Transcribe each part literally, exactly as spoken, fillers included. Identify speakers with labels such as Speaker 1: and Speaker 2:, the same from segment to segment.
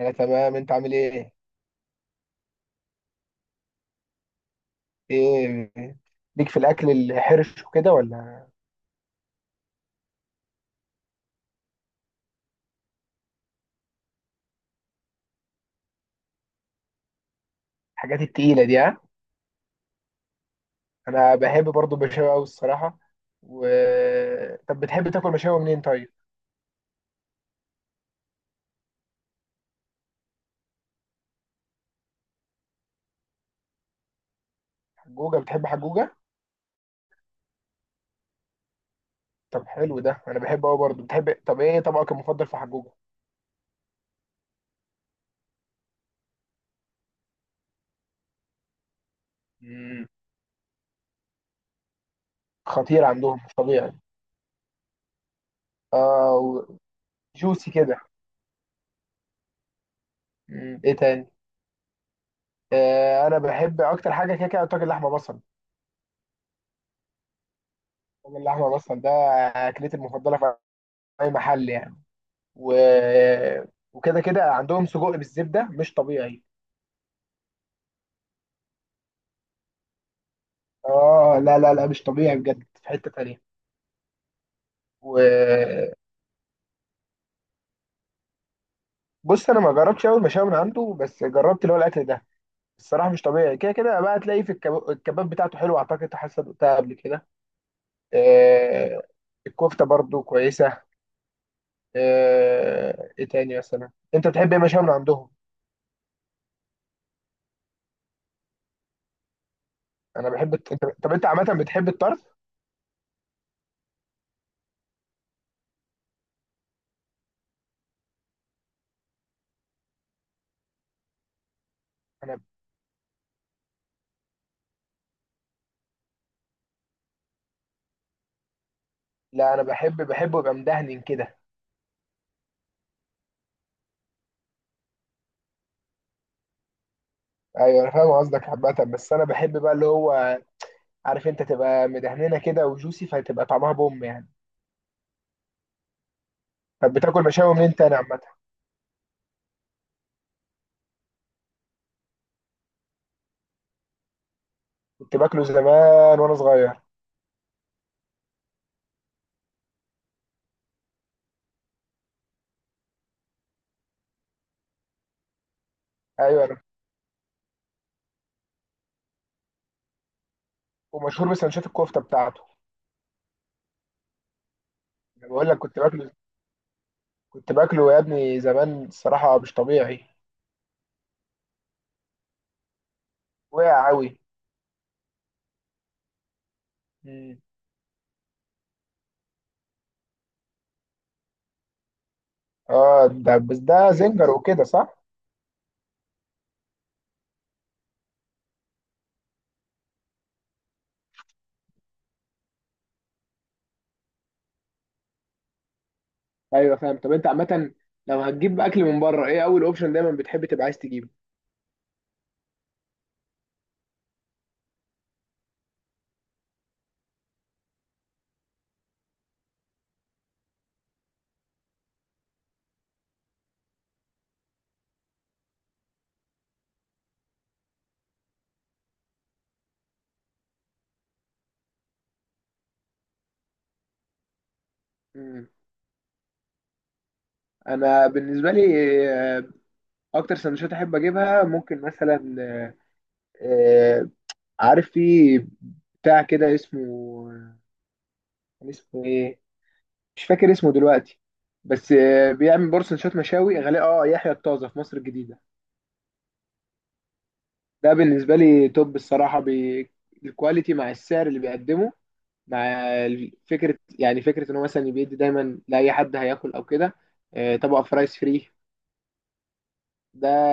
Speaker 1: انا تمام، انت عامل ايه؟ ايه؟ ليك في الاكل الحرش وكده ولا؟ الحاجات التقيله دي، ها؟ انا بحب برضو المشاوي قوي الصراحه. و طب بتحب تاكل مشاوي منين طيب؟ حجوجه؟ بتحب حجوجه؟ طب حلو، ده انا بحبه قوي برضو. بتحب؟ طب ايه طبقك المفضل في حجوجه؟ مم. خطير عندهم، مش طبيعي. اه، جوسي كده. مم. ايه تاني؟ آه انا بحب اكتر حاجه كده كده طاجن لحمه بصل. طاجن لحمه بصل ده اكلتي المفضله في اي محل يعني. و... وكده كده عندهم سجق بالزبده مش طبيعي. اه، لا لا لا مش طبيعي بجد، في حته تانيه. وبص، انا ما جربتش اول مشاوي من عنده، بس جربت اللي هو الاكل ده. الصراحه مش طبيعي، كده كده بقى تلاقيه في الكب... الكباب بتاعته حلو، اعتقد حاسه دقتها قبل كده. آه الكفته برضو كويسه. آه ايه تاني مثلا، انت بتحب ايه مشاوي من عندهم؟ انا بحب الت- انت طب انت عامه بتحب الطرف؟ انا لا انا بحب بحبه يبقى مدهن كده. ايوه انا فاهم قصدك عامة، بس انا بحب بقى اللي هو، عارف انت، تبقى مدهننه كده وجوسي، فتبقى طعمها بوم يعني. طب بتاكل مشاوي منين تاني عامة؟ كنت باكله زمان وانا صغير. ايوه انا. ومشهور بسندوتشات الكفتة بتاعته. انا بقول لك كنت باكله. كنت باكله يا ابني زمان، الصراحة مش طبيعي. وقع قوي. اه، ده بس ده زنجر وكده، صح؟ ايوه فاهم. طب انت عامة، لو هتجيب اكل من بره ايه اول اوبشن دايما بتحب تبقى عايز تجيبه؟ مم. انا بالنسبه لي اكتر سندوتشات احب اجيبها ممكن مثلا، آه، عارف، في بتاع كده اسمه، كان اسمه ايه، مش فاكر اسمه دلوقتي، بس آه، بيعمل برضه سندوتشات مشاوي غالي. اه، يحيى الطازه في مصر الجديدة. ده بالنسبة لي توب الصراحة. بي... الكواليتي مع السعر اللي بيقدمه، مع ال- فكرة يعني، فكرة ان هو مثلا بيدي دايما لأي حد هياكل او كده آه، طبق فرايز فري. ده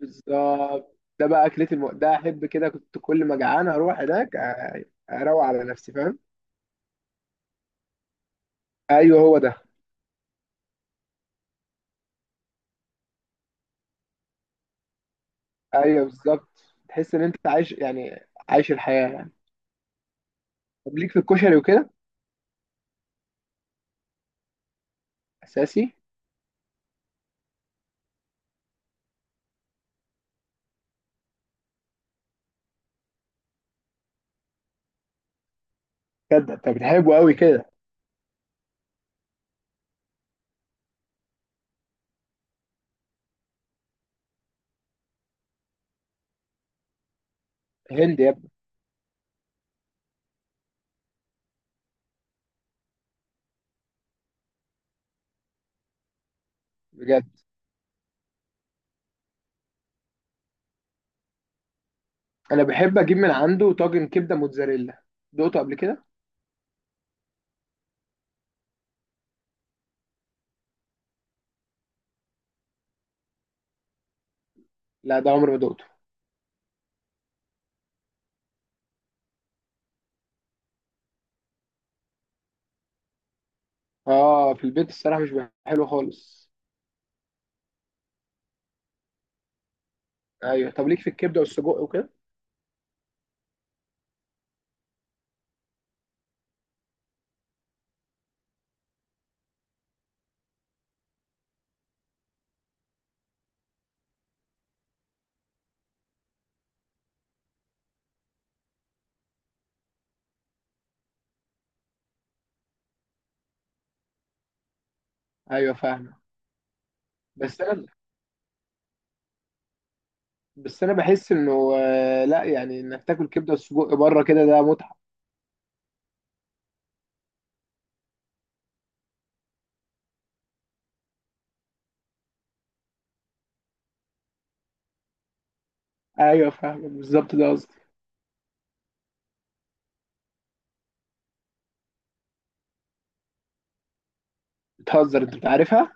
Speaker 1: بالظبط، ده بقى اكلتي الم... ده احب كده، كنت كل ما جعان اروح هناك أ- اروق على نفسي، فاهم؟ ايوه هو ده. ايوه بالظبط، تحس ان انت عايش يعني، عايش الحياه يعني. طب ليك في الكشري وكده؟ اساسي. بجد انت بتحبه قوي كده؟ هند يا ابني. بجد. انا بحب اجيب من عنده طاجن كبده موتزاريلا، دقته قبل كده؟ لا، ده عمري ما دقته. اه، في البيت الصراحه مش بيبقى حلو خالص. ايوه، طب ليك في الكبده والسجق وكده؟ ايوه فاهمه. بس انا بس انا بحس انه، آه، لا يعني، انك تاكل كبده وسجق بره كده ده متعه. ايوه فاهمك، بالظبط ده قصدي. بتهزر، انت بتعرفها.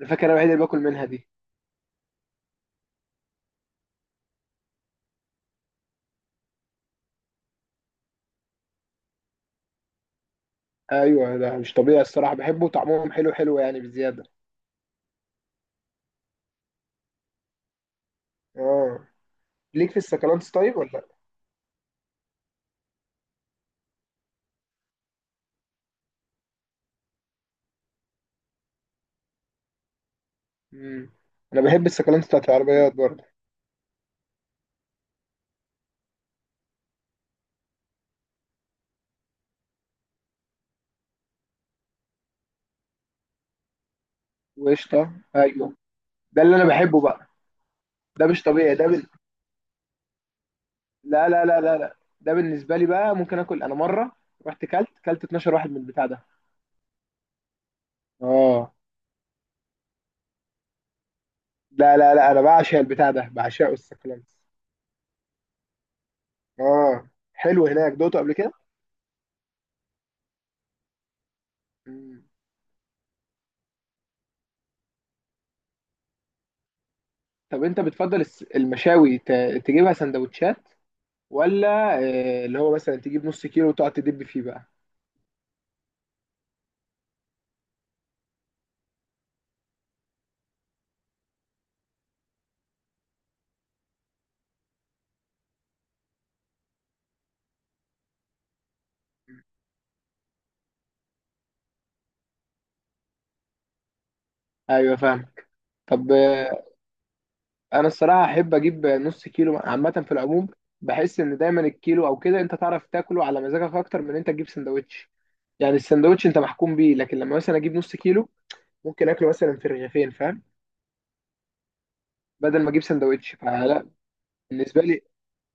Speaker 1: انا فاكر انا الوحيد اللي باكل منها دي. ايوه، ده مش طبيعي الصراحه، بحبه وطعمهم حلو حلو يعني بزياده. اه. ليك في السكالانس طيب ولا لا؟ امم. انا بحب السكالانس بتاعت العربيات برضه. وقشطه، ايوه. ده اللي انا بحبه بقى. ده مش طبيعي ده بال... لا لا لا لا لا، ده بالنسبه لي بقى ممكن اكل، انا مره رحت كلت كلت اتناشر واحد من البتاع ده. اه، لا لا لا، انا بعشق البتاع ده، بعشقه السكلانس. اه، حلو هناك، دوقته قبل كده. مم. طب انت بتفضل الس- المشاوي ت- تجيبها سندوتشات، ولا آه، اللي هو مثلا تجيب نص كيلو وتقعد تدب فيه بقى؟ ايوه فاهمك. طب آه، انا الصراحه احب اجيب نص كيلو عامه في العموم. بحس ان دايما الكيلو او كده انت تعرف تاكله على مزاجك اكتر من انت تجيب سندوتش. يعني السندوتش انت محكوم بيه، لكن لما مثلا اجيب نص كيلو ممكن اكله مثلا في رغيفين، فاهم؟ بدل ما اجيب سندوتش فلا. بالنسبه لي،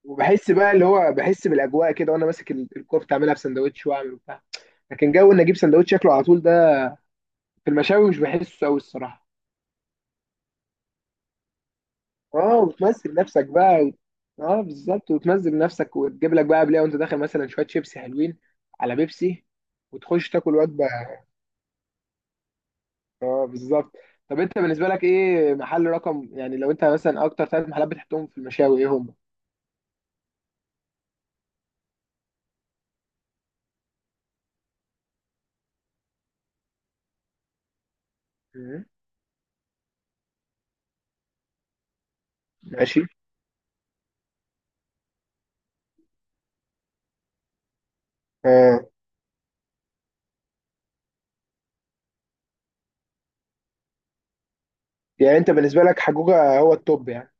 Speaker 1: وبحس بقى اللي هو، بحس بالاجواء كده وانا ماسك ال- الكوره بتعملها في سندوتش واعمل وبتاع. لكن جو ان اجيب سندوتش شكله على طول ده في المشاوي مش بحسه قوي الصراحه. اه، وتمزج نفسك بقى و- اه بالظبط، وتمزج نفسك وتجيب لك بقى قبلها وانت داخل مثلا شويه شيبسي حلوين على بيبسي وتخش تاكل وجبه. اه بالظبط. طب انت بالنسبه لك ايه محل رقم يعني، لو انت مثلا اكتر ثلاث محلات بتحطهم في المشاوي ايه هم؟ مم. ماشي. اه يعني انت بالنسبه لك حجوجه هو التوب يعني.